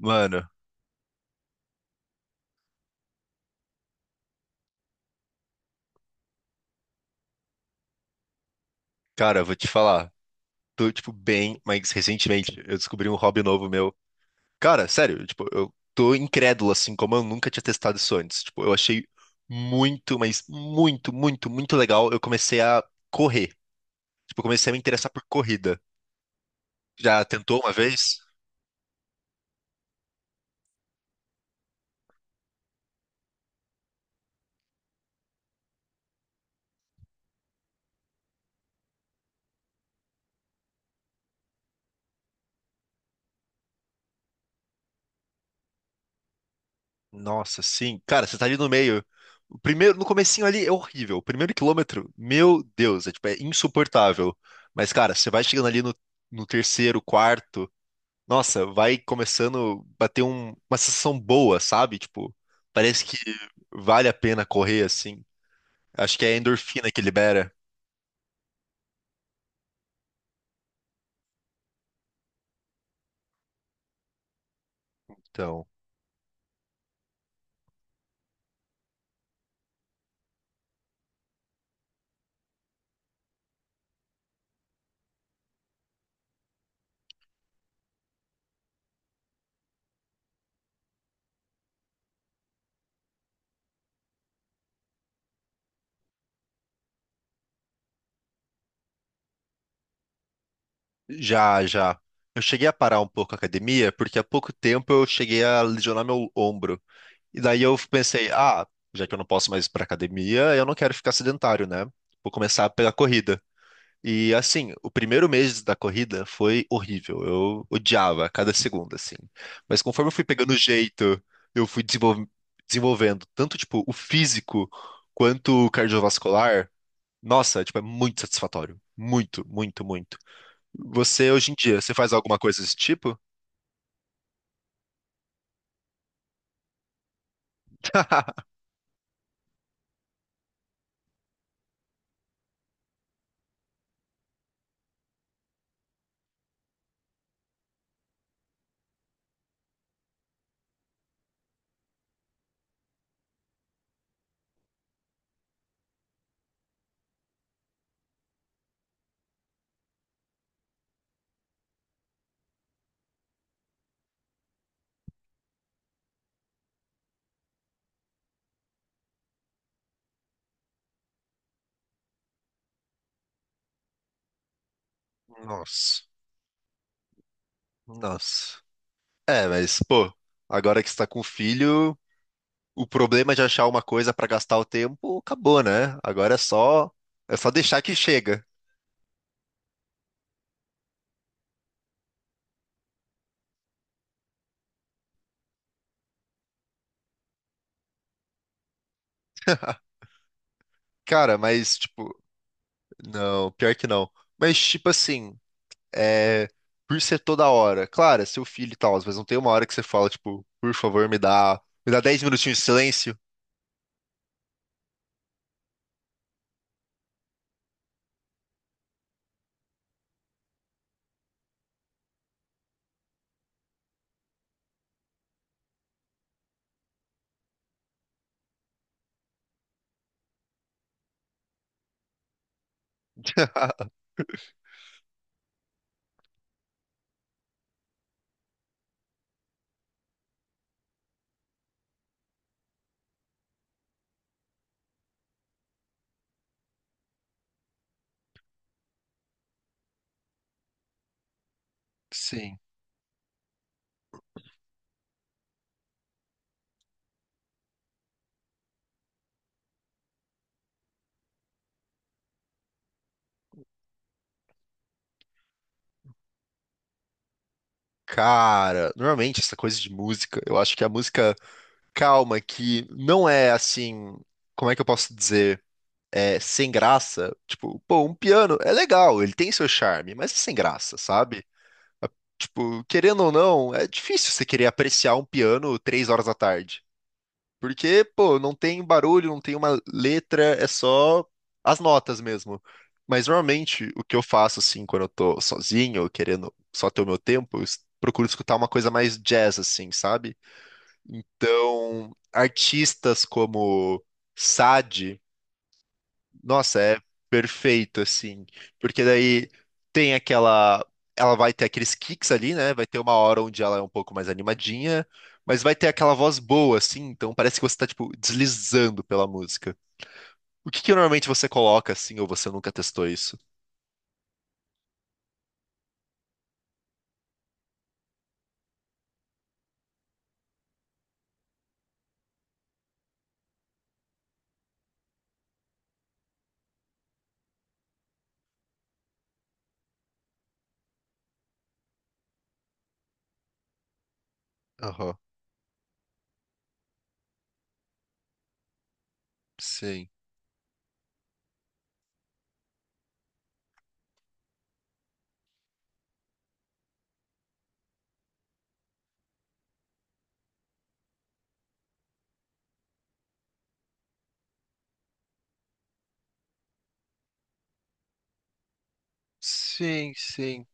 Mano, cara, eu vou te falar. Tô, tipo, bem, mas recentemente eu descobri um hobby novo meu. Cara, sério, tipo, eu tô incrédulo, assim, como eu nunca tinha testado isso antes. Tipo, eu achei muito, mas muito, muito, muito legal. Eu comecei a correr. Tipo, eu comecei a me interessar por corrida. Já tentou uma vez? Nossa, sim. Cara, você tá ali no meio. O primeiro, no comecinho ali é horrível. O primeiro quilômetro, meu Deus, é, tipo, é insuportável. Mas, cara, você vai chegando ali no, no terceiro, quarto. Nossa, vai começando a bater uma sensação boa, sabe? Tipo, parece que vale a pena correr assim. Acho que é a endorfina que libera. Então, já, já. Eu cheguei a parar um pouco a academia, porque há pouco tempo eu cheguei a lesionar meu ombro. E daí eu pensei, ah, já que eu não posso mais ir pra academia, eu não quero ficar sedentário, né? Vou começar a pegar corrida. E assim, o primeiro mês da corrida foi horrível. Eu odiava cada segundo, assim. Mas conforme eu fui pegando o jeito, eu fui desenvol- desenvolvendo tanto, tipo, o físico quanto o cardiovascular. Nossa, tipo, é muito satisfatório. Muito, muito, muito. Você, hoje em dia, você faz alguma coisa desse tipo? Nossa, nossa. É, mas, pô, agora que você tá com filho, o problema de achar uma coisa pra gastar o tempo acabou, né? Agora é só deixar que chega. Cara, mas, tipo, não, pior que não. Mas, tipo assim, é, por ser toda hora, claro, é seu filho e tal, mas não tem uma hora que você fala, tipo, por favor, me dá 10 minutinhos de silêncio. Sim. Cara, normalmente essa coisa de música, eu acho que a música calma, que não é assim, como é que eu posso dizer? É sem graça. Tipo, pô, um piano é legal, ele tem seu charme, mas é sem graça, sabe? A- Tipo, querendo ou não, é difícil você querer apreciar um piano 3 horas da tarde. Porque, pô, não tem barulho, não tem uma letra, é só as notas mesmo. Mas normalmente o que eu faço, assim, quando eu tô sozinho, querendo só ter o meu tempo, procuro escutar uma coisa mais jazz, assim, sabe? Então, artistas como Sade nossa, é perfeito, assim. Porque daí tem aquela. Ela vai ter aqueles kicks ali, né? Vai ter uma hora onde ela é um pouco mais animadinha, mas vai ter aquela voz boa, assim. Então parece que você tá, tipo, deslizando pela música. O que que normalmente você coloca, assim, ou você nunca testou isso? Aham. Sim. Sim, sim.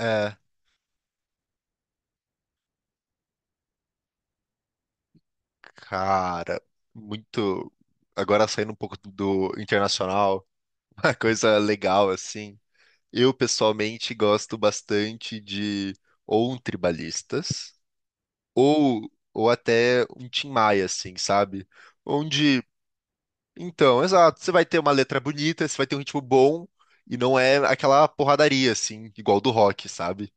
É, cara, muito. Agora saindo um pouco do do internacional, uma coisa legal, assim. Eu pessoalmente gosto bastante de ou um tribalistas ou até um Tim Maia, assim, sabe? Onde, então, exato, você vai ter uma letra bonita, você vai ter um ritmo bom e não é aquela porradaria assim, igual do rock, sabe?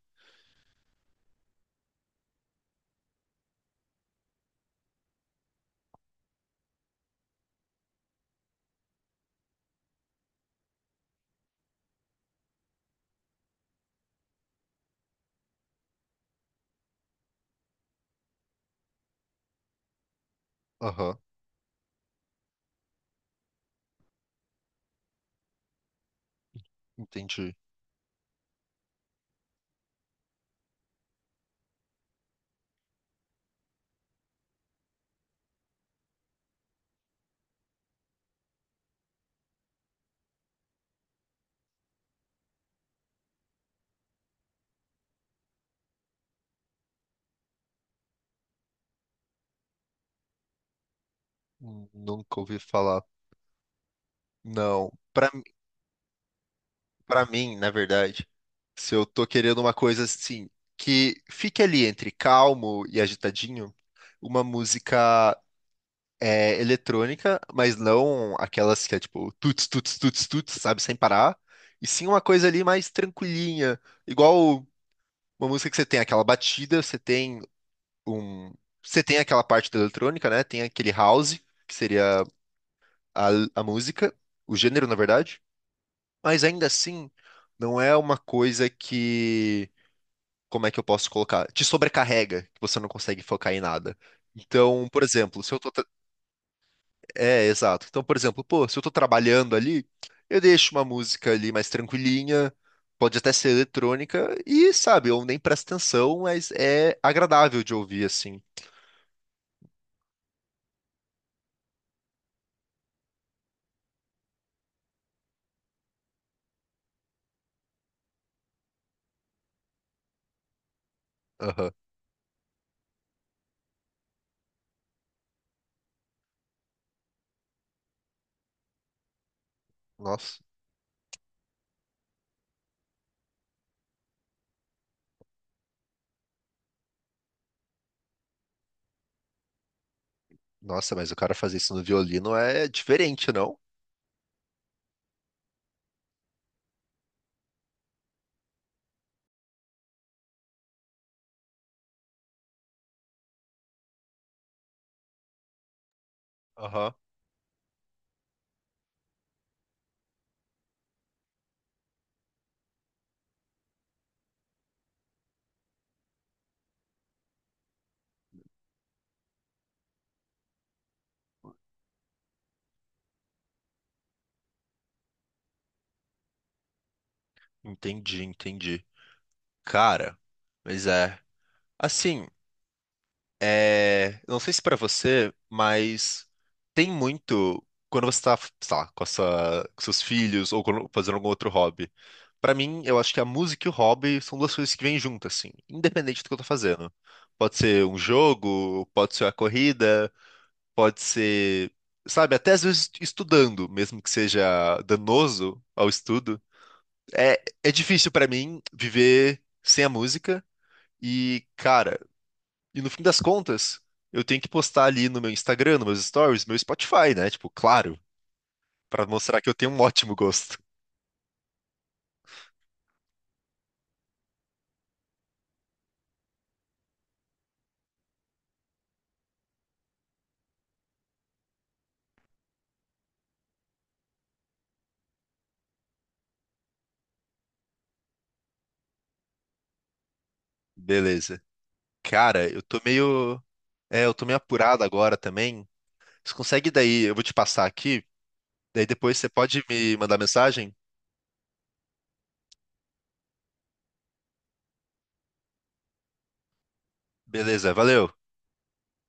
Aham, entendi. Nunca ouvi falar. Não, pra para mim, na verdade, se eu tô querendo uma coisa assim que fique ali entre calmo e agitadinho, uma música é eletrônica, mas não aquelas que é tipo tuts, tuts, tuts, tuts, sabe, sem parar. E sim uma coisa ali mais tranquilinha, igual uma música que você tem aquela batida, você tem um, você tem aquela parte da eletrônica, né? Tem aquele house, que seria a, a música, o gênero, na verdade. Mas ainda assim, não é uma coisa que, como é que eu posso colocar? Te sobrecarrega, que você não consegue focar em nada. Então, por exemplo, se eu tô, é, exato. Então, por exemplo, pô, se eu tô trabalhando ali, eu deixo uma música ali mais tranquilinha, pode até ser eletrônica, e sabe, eu nem presto atenção, mas é agradável de ouvir assim. Aham. Nossa, nossa, mas o cara fazer isso no violino é diferente, não? Aham. Entendi, entendi. Cara, mas é. Assim, é. Não sei se pra você, mas tem muito. Quando você tá, sei lá, com a sua- com seus filhos ou quando- fazendo algum outro hobby. Pra mim, eu acho que a música e o hobby são duas coisas que vêm juntas, assim, independente do que eu tô fazendo. Pode ser um jogo, pode ser a corrida, pode ser, sabe, até às vezes estudando, mesmo que seja danoso ao estudo. É, é difícil pra mim viver sem a música e, cara, e no fim das contas, eu tenho que postar ali no meu Instagram, nos meus stories, meu Spotify, né? Tipo, claro, pra mostrar que eu tenho um ótimo gosto. Beleza. Cara, eu tô meio. É, eu tô meio apurado agora também. Você consegue daí? Eu vou te passar aqui. Daí depois você pode me mandar mensagem? Beleza, valeu.